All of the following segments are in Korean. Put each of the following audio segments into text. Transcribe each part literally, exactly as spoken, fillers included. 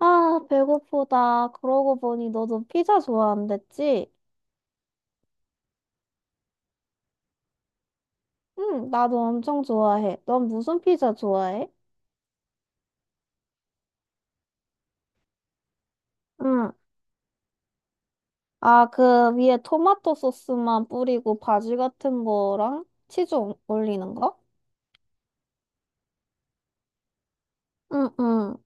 아, 배고프다. 그러고 보니 너도 피자 좋아한댔지? 응, 나도 엄청 좋아해. 넌 무슨 피자 좋아해? 응. 아, 그 위에 토마토 소스만 뿌리고 바지 같은 거랑 치즈 올- 올리는 거? 응, 응.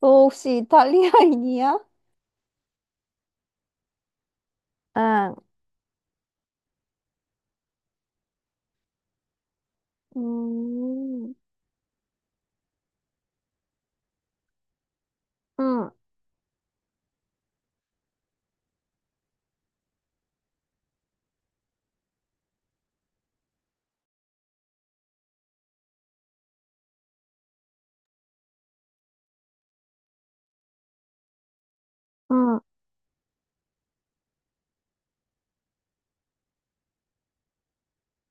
너 혹시 이탈리아인이야? 응. 음, 응, 응,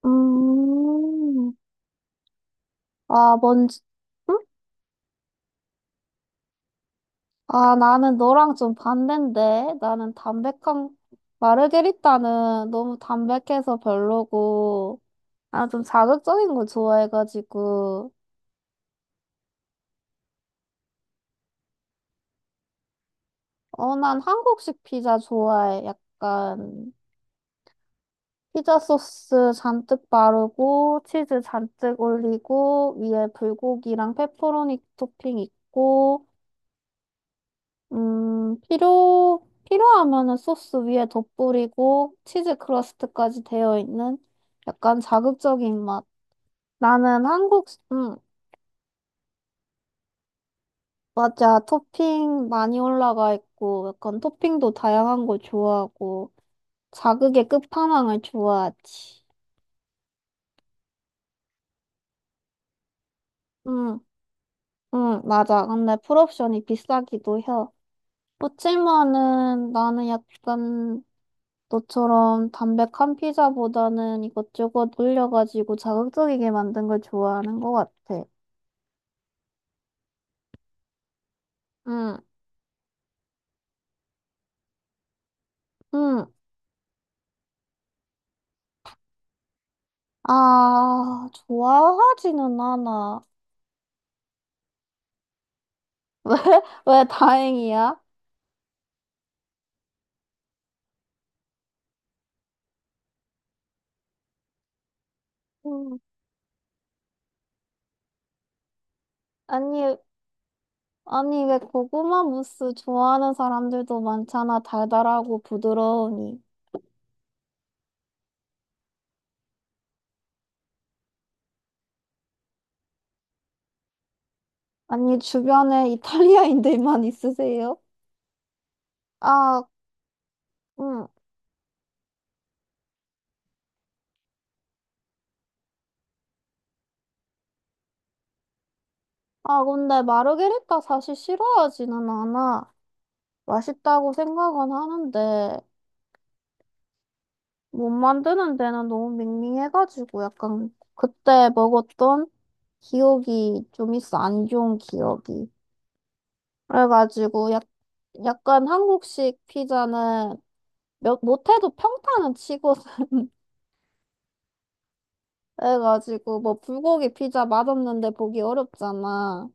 음. 아, 뭔지. 응? 아, 나는 너랑 좀 반대인데. 나는 담백한, 마르게리따는 너무 담백해서 별로고, 나는 좀 자극적인 걸 좋아해가지고, 어, 난 한국식 피자 좋아해. 약간, 피자 소스 잔뜩 바르고, 치즈 잔뜩 올리고, 위에 불고기랑 페퍼로니 토핑 있고, 음, 필요, 필요하면은 소스 위에 덧뿌리고 치즈 크러스트까지 되어 있는 약간 자극적인 맛. 나는 한국, 음, 맞아. 토핑 많이 올라가 있고, 약간 토핑도 다양한 걸 좋아하고, 자극의 끝판왕을 좋아하지. 음, 음, 맞아. 근데 풀옵션이 비싸기도 해. 그치만은 나는 약간 너처럼 담백한 피자보다는 이것저것 올려가지고 자극적이게 만든 걸 좋아하는 것 같아. 응, 응. 아, 좋아하지는 않아. 왜? 왜 다행이야? 음. 아니, 아니, 왜 고구마 무스 좋아하는 사람들도 많잖아. 달달하고 부드러우니. 아니, 주변에 이탈리아인들만 있으세요? 아, 응. 아, 근데 마르게리타 사실 싫어하지는 않아. 맛있다고 생각은 하는데 못 만드는 데는 너무 밍밍해가지고 약간 그때 먹었던 기억이 좀 있어. 안 좋은 기억이. 그래가지고 약, 약간 한국식 피자는 몇, 못해도 평타는 치거든. 그래가지고 뭐 불고기 피자 맛없는데 보기 어렵잖아.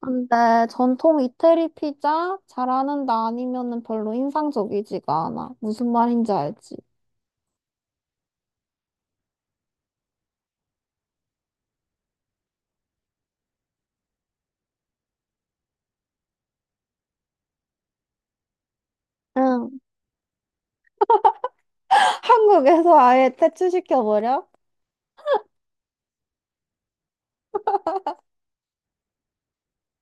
근데 전통 이태리 피자 잘하는다 아니면은 별로 인상적이지가 않아. 무슨 말인지 알지? 응, 한국에서 아예 퇴출시켜버려?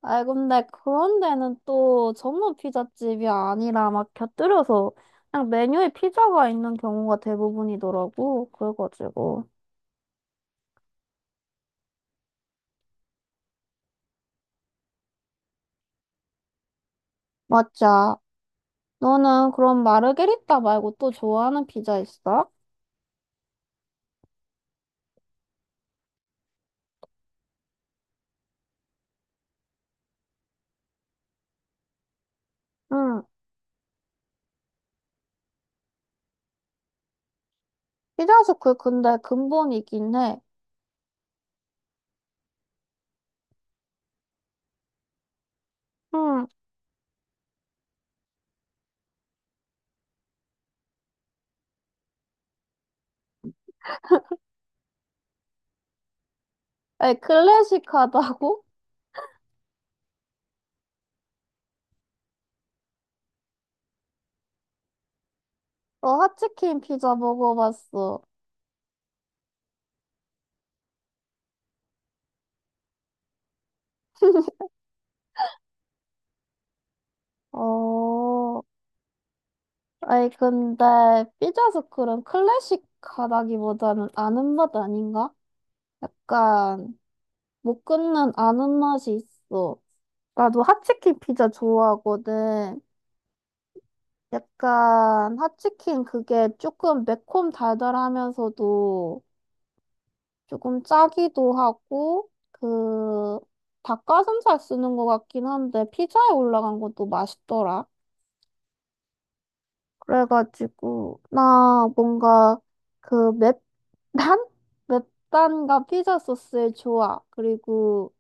아, 근데 그런 데는 또 전문 피자집이 아니라 막 곁들여서 그냥 메뉴에 피자가 있는 경우가 대부분이더라고. 그래가지고. 맞자. 너는 그럼 마르게리따 말고 또 좋아하는 피자 있어? 응. 피자스쿨 근데 근본이긴 해. 응. 에, 클래식하다고? 어, 핫치킨 피자 먹어봤어. 어. 아니, 근데 삐져서클은 클래식하다기보다는 아는 맛 아닌가? 약간 못 끊는 아는 맛이 있어. 나도 핫치킨 피자 좋아하거든. 약간 핫치킨 그게 조금 매콤 달달하면서도 조금 짜기도 하고 그 닭가슴살 쓰는 것 같긴 한데 피자에 올라간 것도 맛있더라. 그래가지고 나 뭔가 그 난 맵단과 피자 소스의 조화 그리고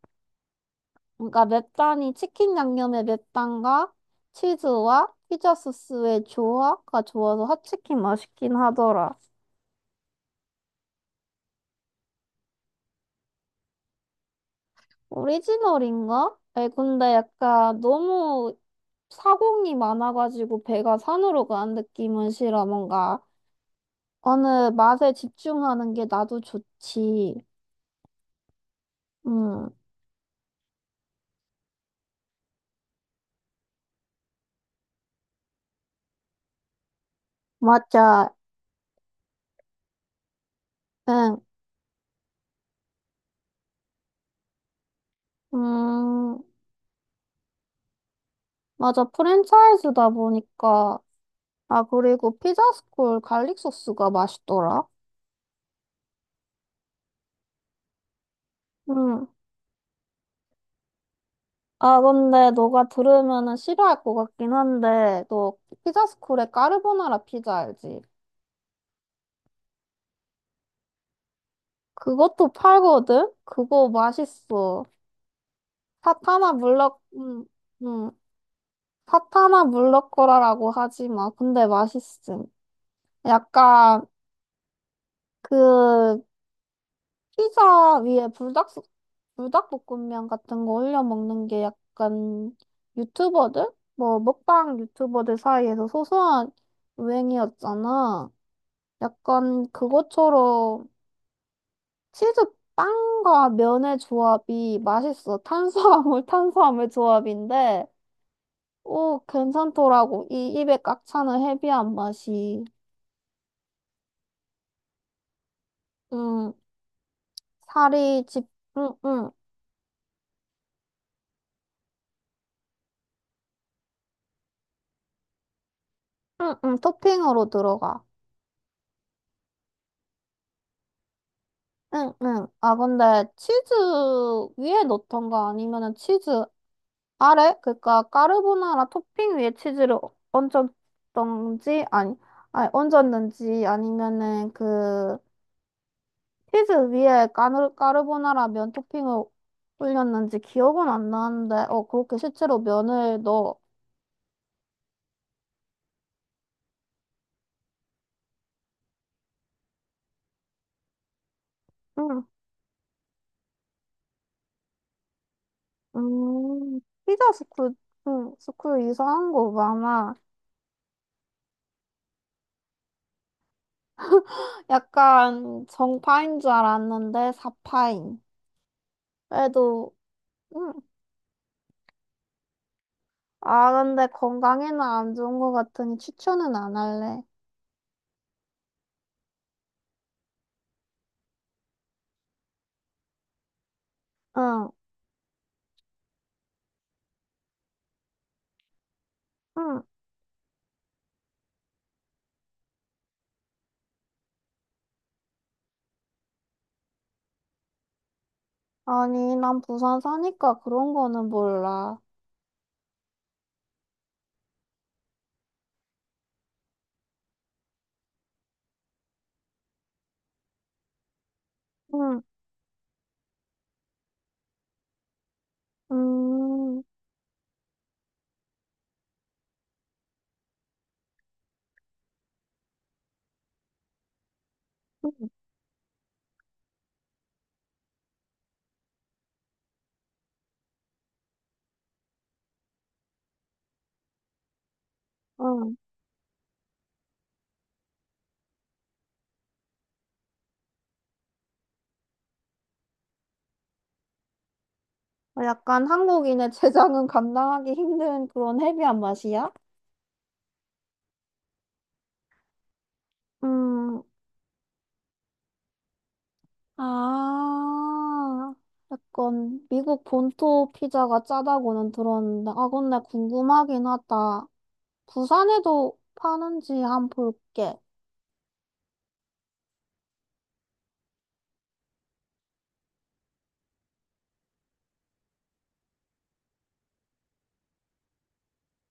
뭔가 맵단이 치킨 양념의 맵단과 치즈와 피자 소스의 조화가 좋아서 핫치킨 맛있긴 하더라. 오리지널인가? 아니 근데 약간 너무 사공이 많아가지고 배가 산으로 가는 느낌은 싫어. 뭔가 어느 맛에 집중하는 게 나도 좋지. 음, 맞아. 응. 음, 맞아. 프랜차이즈다 보니까. 아, 그리고 피자스쿨 갈릭 소스가 맛있더라. 응. 아, 근데 너가 들으면은 싫어할 것 같긴 한데, 너 피자스쿨의 까르보나라 피자 알지? 그것도 팔거든? 그거 맛있어. 사타나 물럭, 음, 음. 사타나 물럭거라라고 하지 마. 근데 맛있음. 약간, 그, 피자 위에 불닭, 불닭볶음면 같은 거 올려 먹는 게 약간 유튜버들? 뭐 먹방 유튜버들 사이에서 소소한 유행이었잖아. 약간 그것처럼 치즈 빵과 면의 조합이 맛있어. 탄수화물, 탄수화물 조합인데, 오, 괜찮더라고. 이 입에 꽉 차는 헤비한 맛이. 음, 살이 집, 응, 응, 응, 응, 토핑으로 들어가. 응, 응. 아, 근데 치즈 위에 넣던가 아니면은 치즈 아래? 그러니까 까르보나라 토핑 위에 치즈를 얹었던지 아니, 아니 얹었는지 아니면은 그 치즈 위에 까르, 까르보나라 면 토핑을 올렸는지 기억은 안 나는데 어 그렇게 실제로 면을 넣어. 응. 음, 피자 스쿨, 응, 스쿨 이상한 거 많아. 약간 정파인 줄 알았는데 사파인. 그래도 응. 아, 근데 건강에는 안 좋은 것 같으니 추천은 안 할래. 응, 응. 아니, 난 부산 사니까 그런 거는 몰라. 응, 음, 응, 응. 약간 한국인의 제장은 감당하기 힘든 그런 헤비한 맛이야? 음, 아, 약간 미국 본토 피자가 짜다고는 들었는데, 아, 근데 궁금하긴 하다. 부산에도 파는지 한 볼게.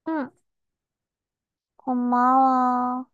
응, 고마워.